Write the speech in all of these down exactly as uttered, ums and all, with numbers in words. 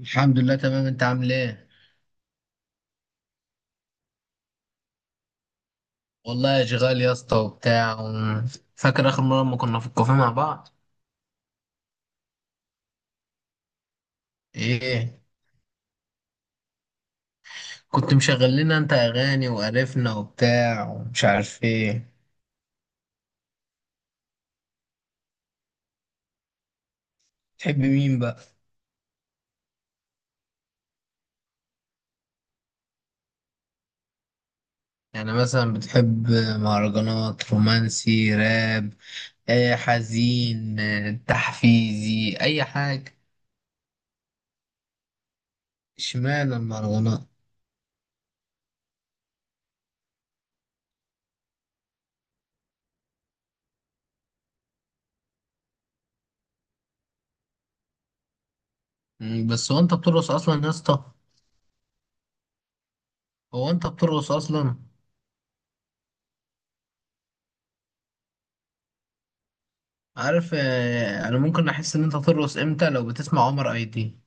الحمد لله تمام، انت عامل ايه؟ والله اشغال يا اسطى وبتاع و- فاكر اخر مره لما كنا في الكافيه مع بعض. ايه؟ كنت مشغل لنا انت اغاني وقرفنا وبتاع ومش عارف ايه. تحب مين بقى؟ يعني مثلا بتحب مهرجانات، رومانسي، راب، ايه، حزين، اه، تحفيزي، اي حاجه. اشمعنى المهرجانات؟ مم، بس هو انت بترقص اصلا يا اسطى؟ هو انت بترقص اصلا؟ عارف آه، انا ممكن احس ان انت ترقص امتى لو بتسمع عمر اي دي.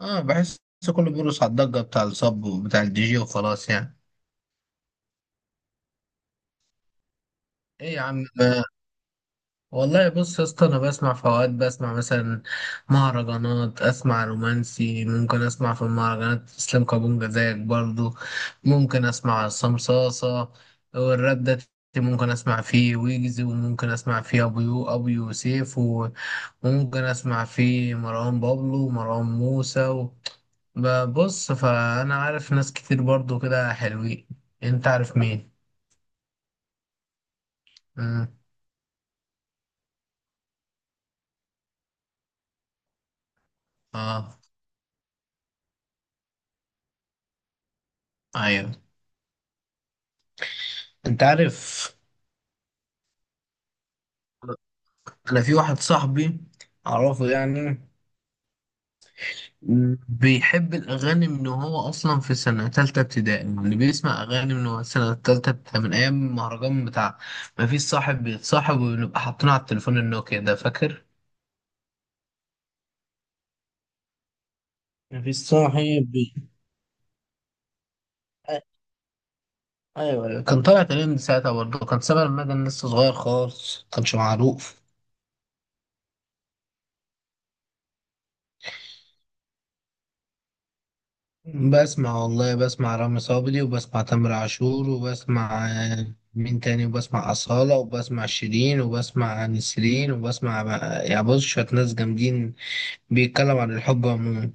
اه بحس كله بيرقص على الضجه بتاع الصب وبتاع الدي جي وخلاص يعني. ايه يا عم، ما- والله بص يا اسطى، انا بسمع، في اوقات بسمع مثلا مهرجانات، اسمع رومانسي، ممكن اسمع في المهرجانات اسلام كابونجا زيك برضو، ممكن اسمع صمصاصه، والراب ده ممكن اسمع فيه ويجز، وممكن اسمع فيه ابو يو ابو يوسف و- وممكن اسمع فيه مروان بابلو ومروان موسى. ببص فانا عارف ناس كتير برضو كده حلوين. انت عارف مين؟ مم. اه، ايوه. انت عارف، انا في واحد صاحبي اعرفه يعني، مم، بيحب الاغاني من هو اصلا في سنه تالته ابتدائي، يعني بيسمع اغاني من هو سنه تالته ابتدائي، من ايام المهرجان بتاع ما فيش صاحب بيتصاحب، ونبقى حاطينه على التليفون النوكيا ده، فاكر؟ ما فيش صاحب بي- أ- ايوه، أيوة. كان طالع تقريبا ساعتها، برضه كان سبب المدن لسه صغير خالص، كانش معروف. بسمع، والله بسمع رامي صبري، وبسمع تامر عاشور، وبسمع آه، مين تاني، وبسمع أصالة، وبسمع شيرين، وبسمع نسرين، وبسمع بقى- يعني بص شوية ناس جامدين بيتكلموا عن الحب عموما.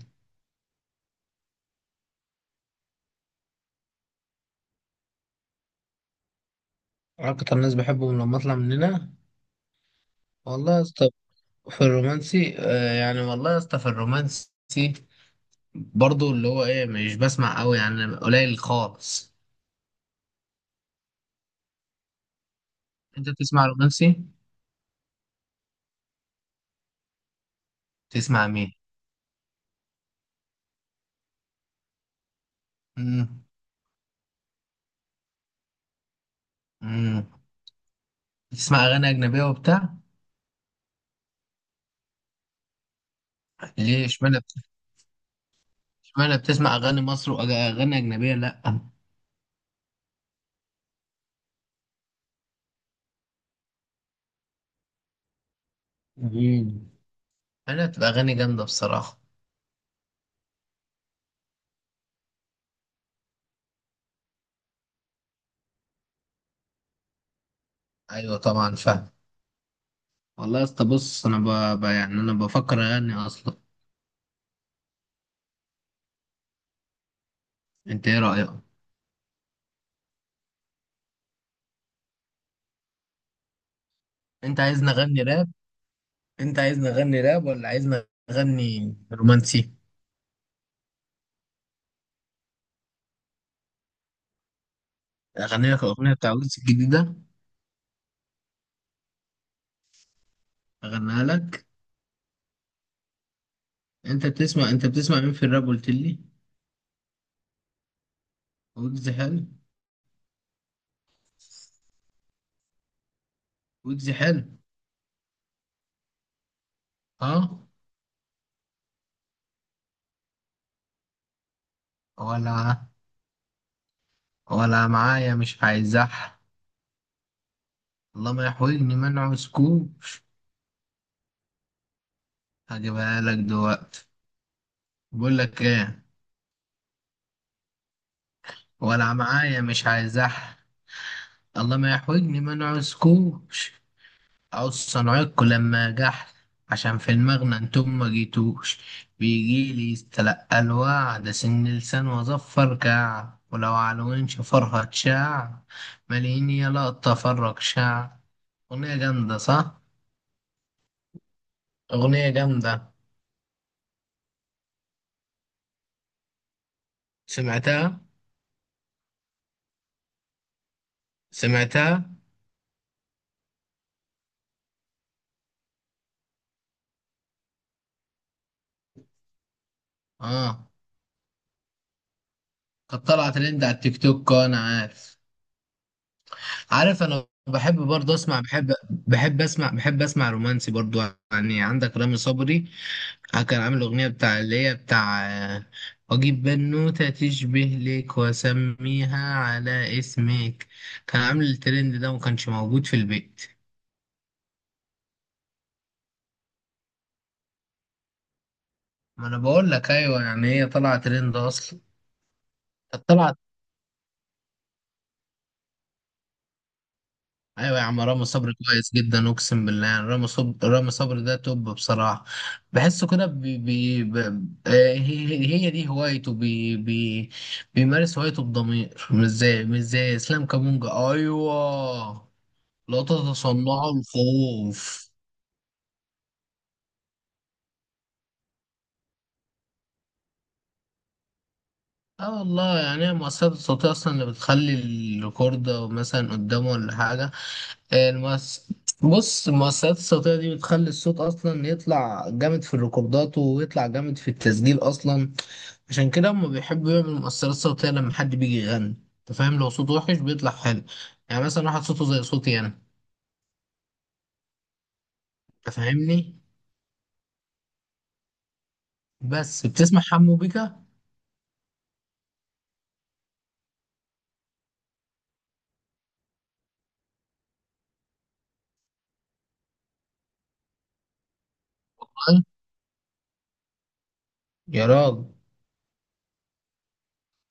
أكتر ناس بحبهم لما أطلع من هنا، والله يا اسطى في الرومانسي آه، يعني والله يا اسطى في الرومانسي برضو اللي هو إيه، مش بسمع أوي يعني، قليل خالص. أنت بتسمع رومانسي؟ تسمع مين؟ مم. مم. تسمع أغاني أجنبية وبتاع؟ ليه اشمعنى بت- اشمعنى بتسمع اغاني مصر، واغاني اجنبيه لا؟ مم. انا بتبقى اغاني جامده بصراحه. ايوه طبعا فاهم. والله يا اسطى بص انا ب... ب... يعني انا بفكر اغني اصلا. انت ايه رايك؟ انت عايزني اغني راب؟ انت عايزني اغني راب ولا عايزني اغني رومانسي؟ اغني لك الاغنيه بتاع ويجز الجديده؟ اغنيها لك. انت بتسمع انت بتسمع مين في الراب قلت لي؟ ويجز حلو. ويجز حلو. اه، ولا، ولا معايا مش هيزح، الله ما يحولني منعه سكوب. هجيبها لك دلوقتي. بقول لك ايه. ولا معايا مش عايزح، الله ما يحولني منعه سكوش، او صنعكوا لما جح، عشان في المغنى انتم ما جيتوش، بيجيلي يستلقى الوعد سن لسان واظفر كعب، ولو على وين شفرها تشع، ماليني يلا اتفرج شع. اغنية جامدة صح؟ اغنية جامدة. سمعتها؟ سمعتها. اه، كانت طالعه ترند على التيك توك، اه انا عارف. عارف انا بحب برضه اسمع، بحب بحب اسمع بحب اسمع رومانسي برضه يعني. عندك رامي صبري آه، كان عامل اغنيه بتاع اللي هي بتاع آه، اجيب بنوته تشبه لك واسميها على اسمك. كان عامل الترند ده وما كانش موجود في البيت. ما انا بقول لك ايوه يعني، هي طالعه ترند اصلا. كانت طالعه. ايوه يا عم، رامي صبري كويس جدا اقسم بالله، يعني رامي صبري رامي صبري ده توب بصراحه. بحسه كده بي بي ب... آه، هي هي دي هوايته بي بي، بيمارس هوايته بضمير، مش زي مش زي اسلام كامونجا. ايوه، لا تتصنعوا الخوف. اه والله يعني هي المؤثرات الصوتيه اصلا اللي بتخلي الريكورد مثلا قدامه ولا حاجه. آه، المؤس... بص المؤثرات الصوتية دي بتخلي الصوت أصلا يطلع جامد في الريكوردات، ويطلع جامد في التسجيل أصلا. عشان كده هما بيحبوا يعملوا مؤثرات صوتية لما حد بيجي يغني. أنت فاهم، لو صوته وحش بيطلع حلو. يعني مثلا واحد صوته زي صوتي أنا. أنت فاهمني. بس بتسمع حمو بيكا؟ أي. يا راجل،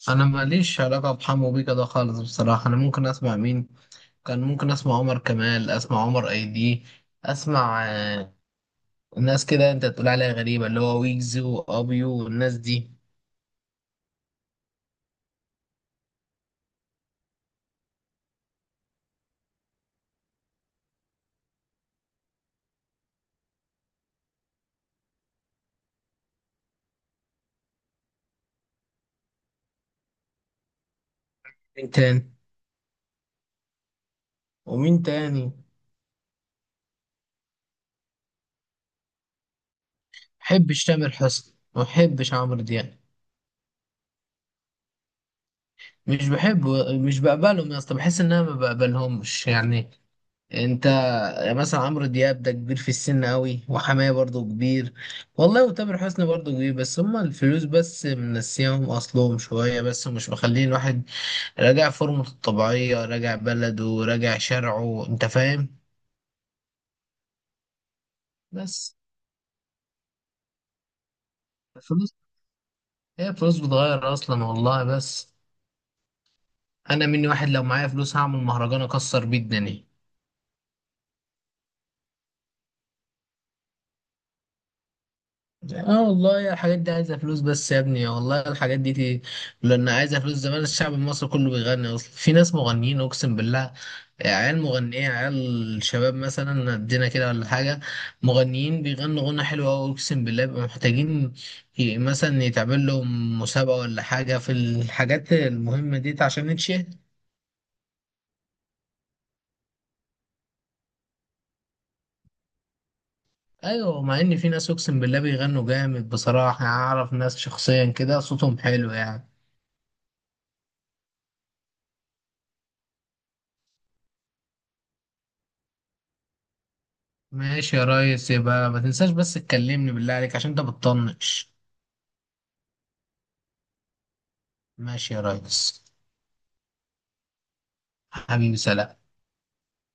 أنا ماليش علاقة بحمو بيكا ده خالص بصراحة. أنا ممكن أسمع مين؟ كان ممكن أسمع عمر كمال، أسمع عمر أيدي، أسمع آه، الناس كده انت تقول عليها غريبة، اللي هو ويجز وابيو والناس دي. مين تاني؟ ومين تاني ما بحبش تامر حسني، ما بحبش عمرو دياب. مش بحبه، مش بقبلهم يا اسطى، بحس ان انا ما بقبلهمش يعني. انت مثلا، عمرو دياب ده كبير في السن قوي، وحماية برضه كبير والله، وتامر حسني برضه كبير. بس هما الفلوس بس منسيهم اصلهم شوية بس، ومش مخلين الواحد راجع فورمته الطبيعية، راجع بلده، راجع شرعه، انت فاهم. بس الفلوس، هي فلوس بتغير اصلا والله. بس انا مني واحد، لو معايا فلوس هعمل مهرجان اكسر بيه الدنيا. اه والله يا، الحاجات دي عايزه فلوس بس يا ابني، والله الحاجات دي، دي لان عايزه فلوس. زمان الشعب المصري كله بيغني اصلا. في ناس مغنيين اقسم بالله، عيال مغنيه، عيال شباب مثلا قدنا كده ولا حاجه، مغنيين بيغنوا غنى حلو قوي اقسم بالله، بيبقوا محتاجين ي- مثلا يتعمل لهم مسابقه ولا حاجه في الحاجات المهمه دي عشان نتشهر. ايوه، مع ان في ناس اقسم بالله بيغنوا جامد بصراحه يعني، اعرف ناس شخصيا كده صوتهم حلو يعني. ماشي يا ريس، يبقى ما تنساش بس تكلمني بالله عليك، عشان انت بتطنش. ماشي يا ريس. حبيبي، سلام.